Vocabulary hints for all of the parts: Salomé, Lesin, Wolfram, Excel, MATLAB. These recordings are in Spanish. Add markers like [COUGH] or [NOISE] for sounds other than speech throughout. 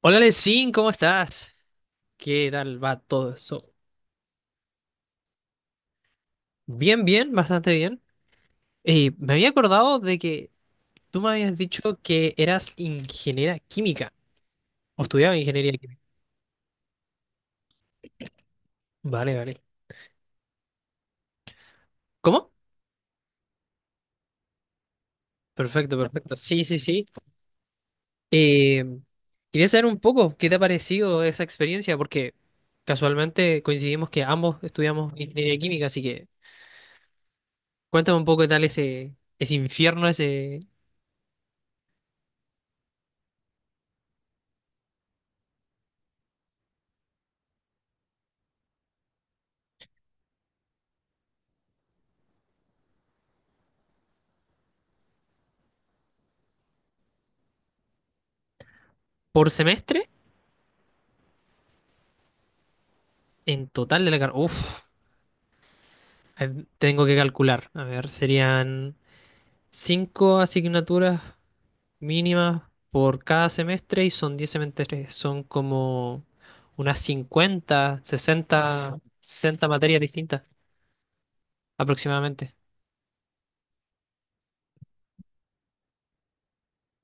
Hola, Lesin, ¿cómo estás? ¿Qué tal va todo eso? Bien, bien, bastante bien. Me había acordado de que tú me habías dicho que eras ingeniera química o estudiaba ingeniería química. Vale, vale. ¿Cómo? Perfecto, perfecto. Sí, sí, sí. Eh, Quería saber un poco qué te ha parecido esa experiencia, porque casualmente coincidimos que ambos estudiamos ingeniería química, así que cuéntame un poco qué tal ese infierno, ese por semestre en total de la carrera. Uf. Tengo que calcular. A ver, serían 5 asignaturas mínimas por cada semestre y son 10 semestres. Son como unas 50, 60, 60 materias distintas aproximadamente.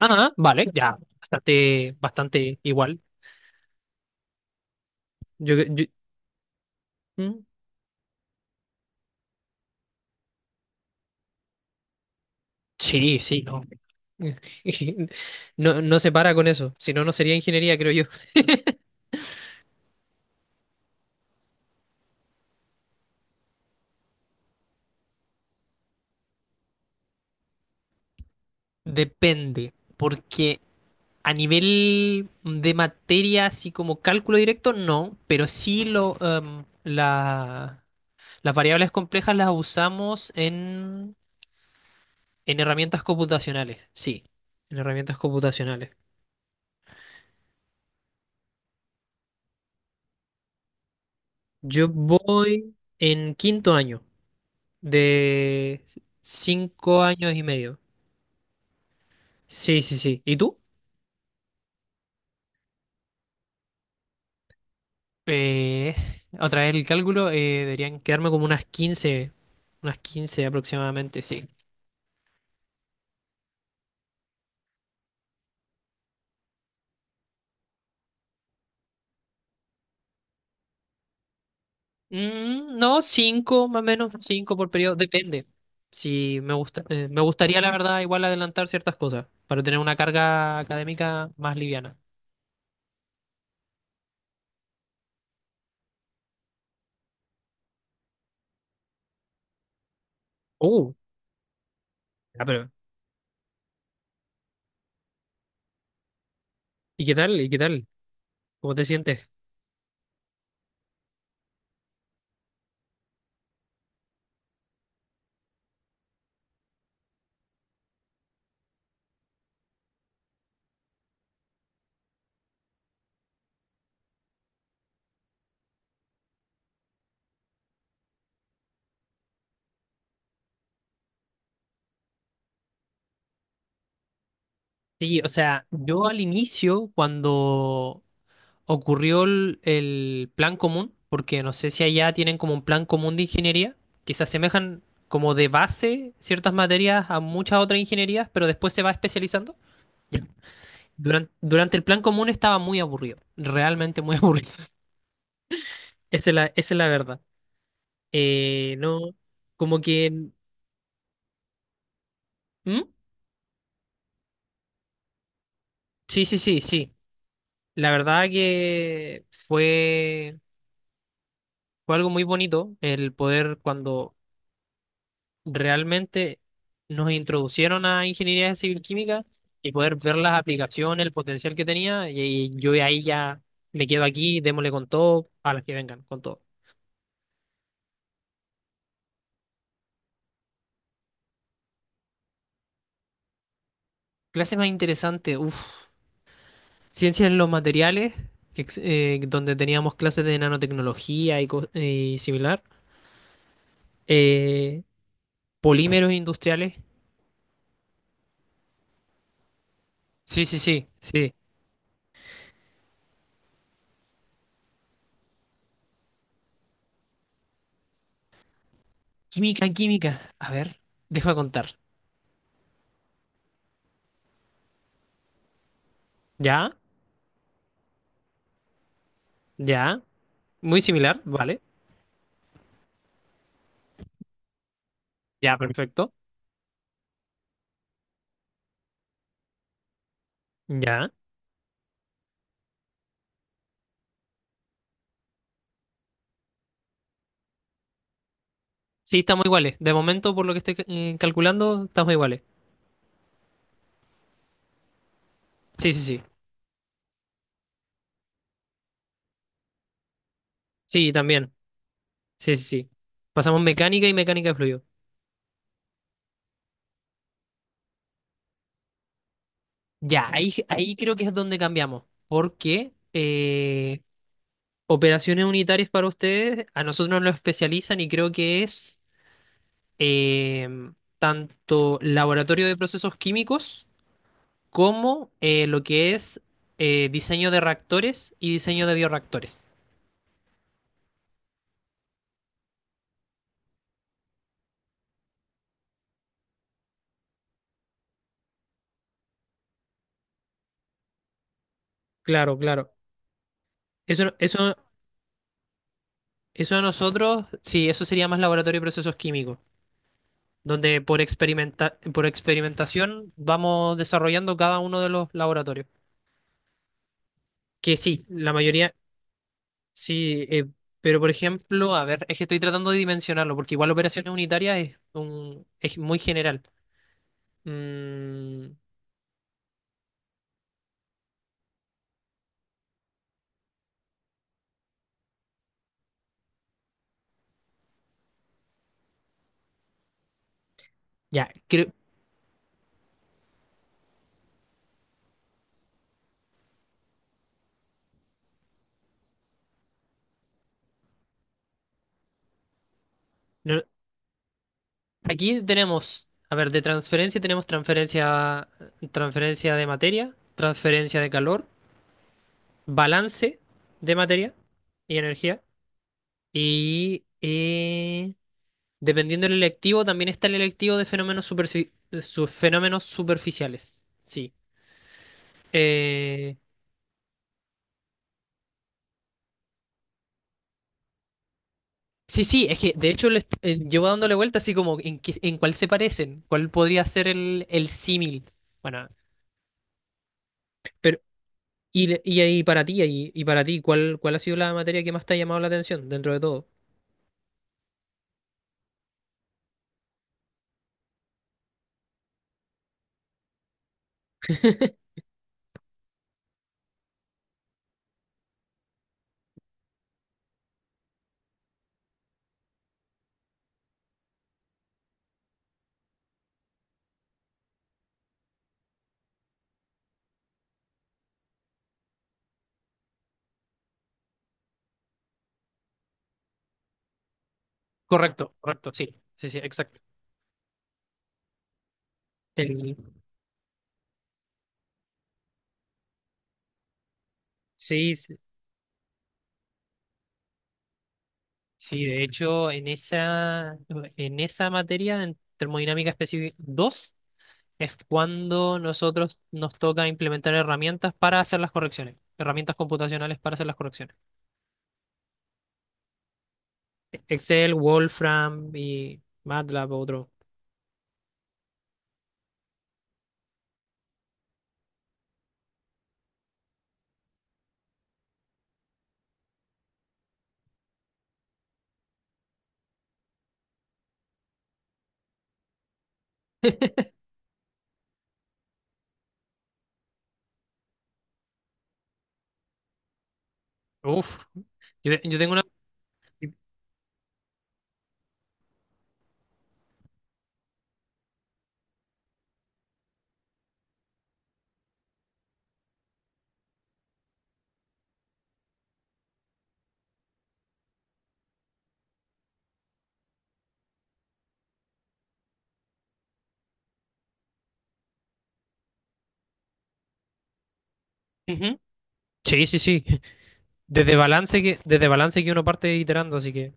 Ah, vale, ya. Bastante, bastante igual. Yo, yo- mm, sí, sí, no. [LAUGHS] No, no se para con eso. Si no, no sería ingeniería, creo yo. Depende, porque a nivel de materia, así como cálculo directo, no, pero las variables complejas las usamos en herramientas computacionales, sí, en herramientas computacionales. Yo voy en quinto año, de 5 años y medio. Sí, sí, sí. ¿Y tú? Eh, Otra vez el cálculo, deberían quedarme como unas 15, unas 15 aproximadamente, sí. Mm, no, cinco, más o menos, cinco por periodo, depende. Si me gusta, me gustaría, la verdad, igual adelantar ciertas cosas para tener una carga académica más liviana. Uh, ah, pero, ¿y qué tal? ¿Y qué tal? ¿Cómo te sientes? Sí, o sea, yo al inicio, cuando ocurrió el plan común, porque no sé si allá tienen como un plan común de ingeniería, que se asemejan como de base ciertas materias a muchas otras ingenierías, pero después se va especializando. Durante el plan común estaba muy aburrido, realmente muy [LAUGHS] aburrido. Esa es la verdad. No, como que... ¿Mm? Sí, sí, sí, sí. La verdad que fue, fue algo muy bonito el poder cuando realmente nos introducieron a ingeniería civil química y poder ver las aplicaciones, el potencial que tenía. Y yo de ahí ya me quedo aquí, démosle con todo, a las que vengan, con todo. Clase más interesante, uff. Ciencia en los materiales, que donde teníamos clases de nanotecnología y, y similar. Eh, Polímeros industriales. Sí, sí, sí, sí. Química, química. A ver, deja contar. Ya, ya. Muy similar, vale. Ya, perfecto. Ya. Sí, estamos iguales. De momento, por lo que estoy calculando, estamos iguales. Sí, sí, sí. Sí, también. Sí, sí, sí. Pasamos mecánica y mecánica de fluido. Ya, ahí, ahí creo que es donde cambiamos. Porque operaciones unitarias para ustedes, a nosotros nos lo especializan y creo que es em, tanto laboratorio de procesos químicos como lo que es diseño de reactores y diseño de bioreactores. Claro, claro. Eso, eso, eso a nosotros, sí, eso sería más laboratorio de procesos químicos, donde por por experimentación vamos desarrollando cada uno de los laboratorios. Que sí, la mayoría, sí, pero por ejemplo, a ver, es que estoy tratando de dimensionarlo, porque igual operaciones unitarias es, un, es muy general. Mm, ya, creo, no, aquí tenemos, a ver, de transferencia tenemos transferencia, transferencia de materia, transferencia de calor, balance de materia y energía, y dependiendo del electivo, también está el electivo de fenómenos, fenómenos superficiales. Sí. Eh, sí, sí, es que de hecho llevo dándole vuelta así como en, en cuál se parecen, cuál podría ser el símil. Bueno, pero y, le- y ahí para ti, para ti, ¿cuál, cuál ha sido la materia que más te ha llamado la atención dentro de todo? [LAUGHS] Correcto, correcto, sí, sí, sí, exacto. El, sí, sí, sí, de hecho, en esa materia, en termodinámica específica 2 es cuando nosotros nos toca implementar herramientas para hacer las correcciones, herramientas computacionales para hacer las correcciones. Excel, Wolfram y MATLAB, otro. [LAUGHS] Uf, yo tengo una... Ujú. Sí, sí, sí. Desde balance que uno parte iterando, así que.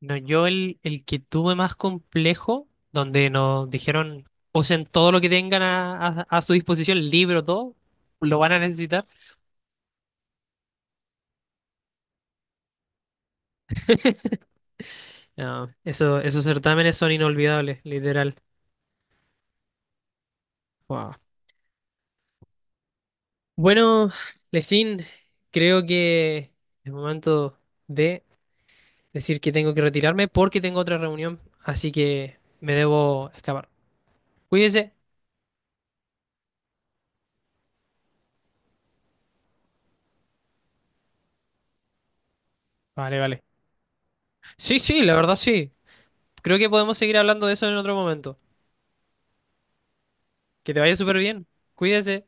No, yo el que tuve más complejo, donde nos dijeron, usen todo lo que tengan a, a su disposición, el libro, todo, lo van a necesitar. No, eso, esos certámenes son inolvidables, literal. Wow. Bueno, Lesin, creo que es momento de decir que tengo que retirarme porque tengo otra reunión, así que me debo escapar. Cuídese. Vale, vale. Sí, sí, la verdad sí. Creo que podemos seguir hablando de eso en otro momento. Que te vaya súper bien. Cuídese.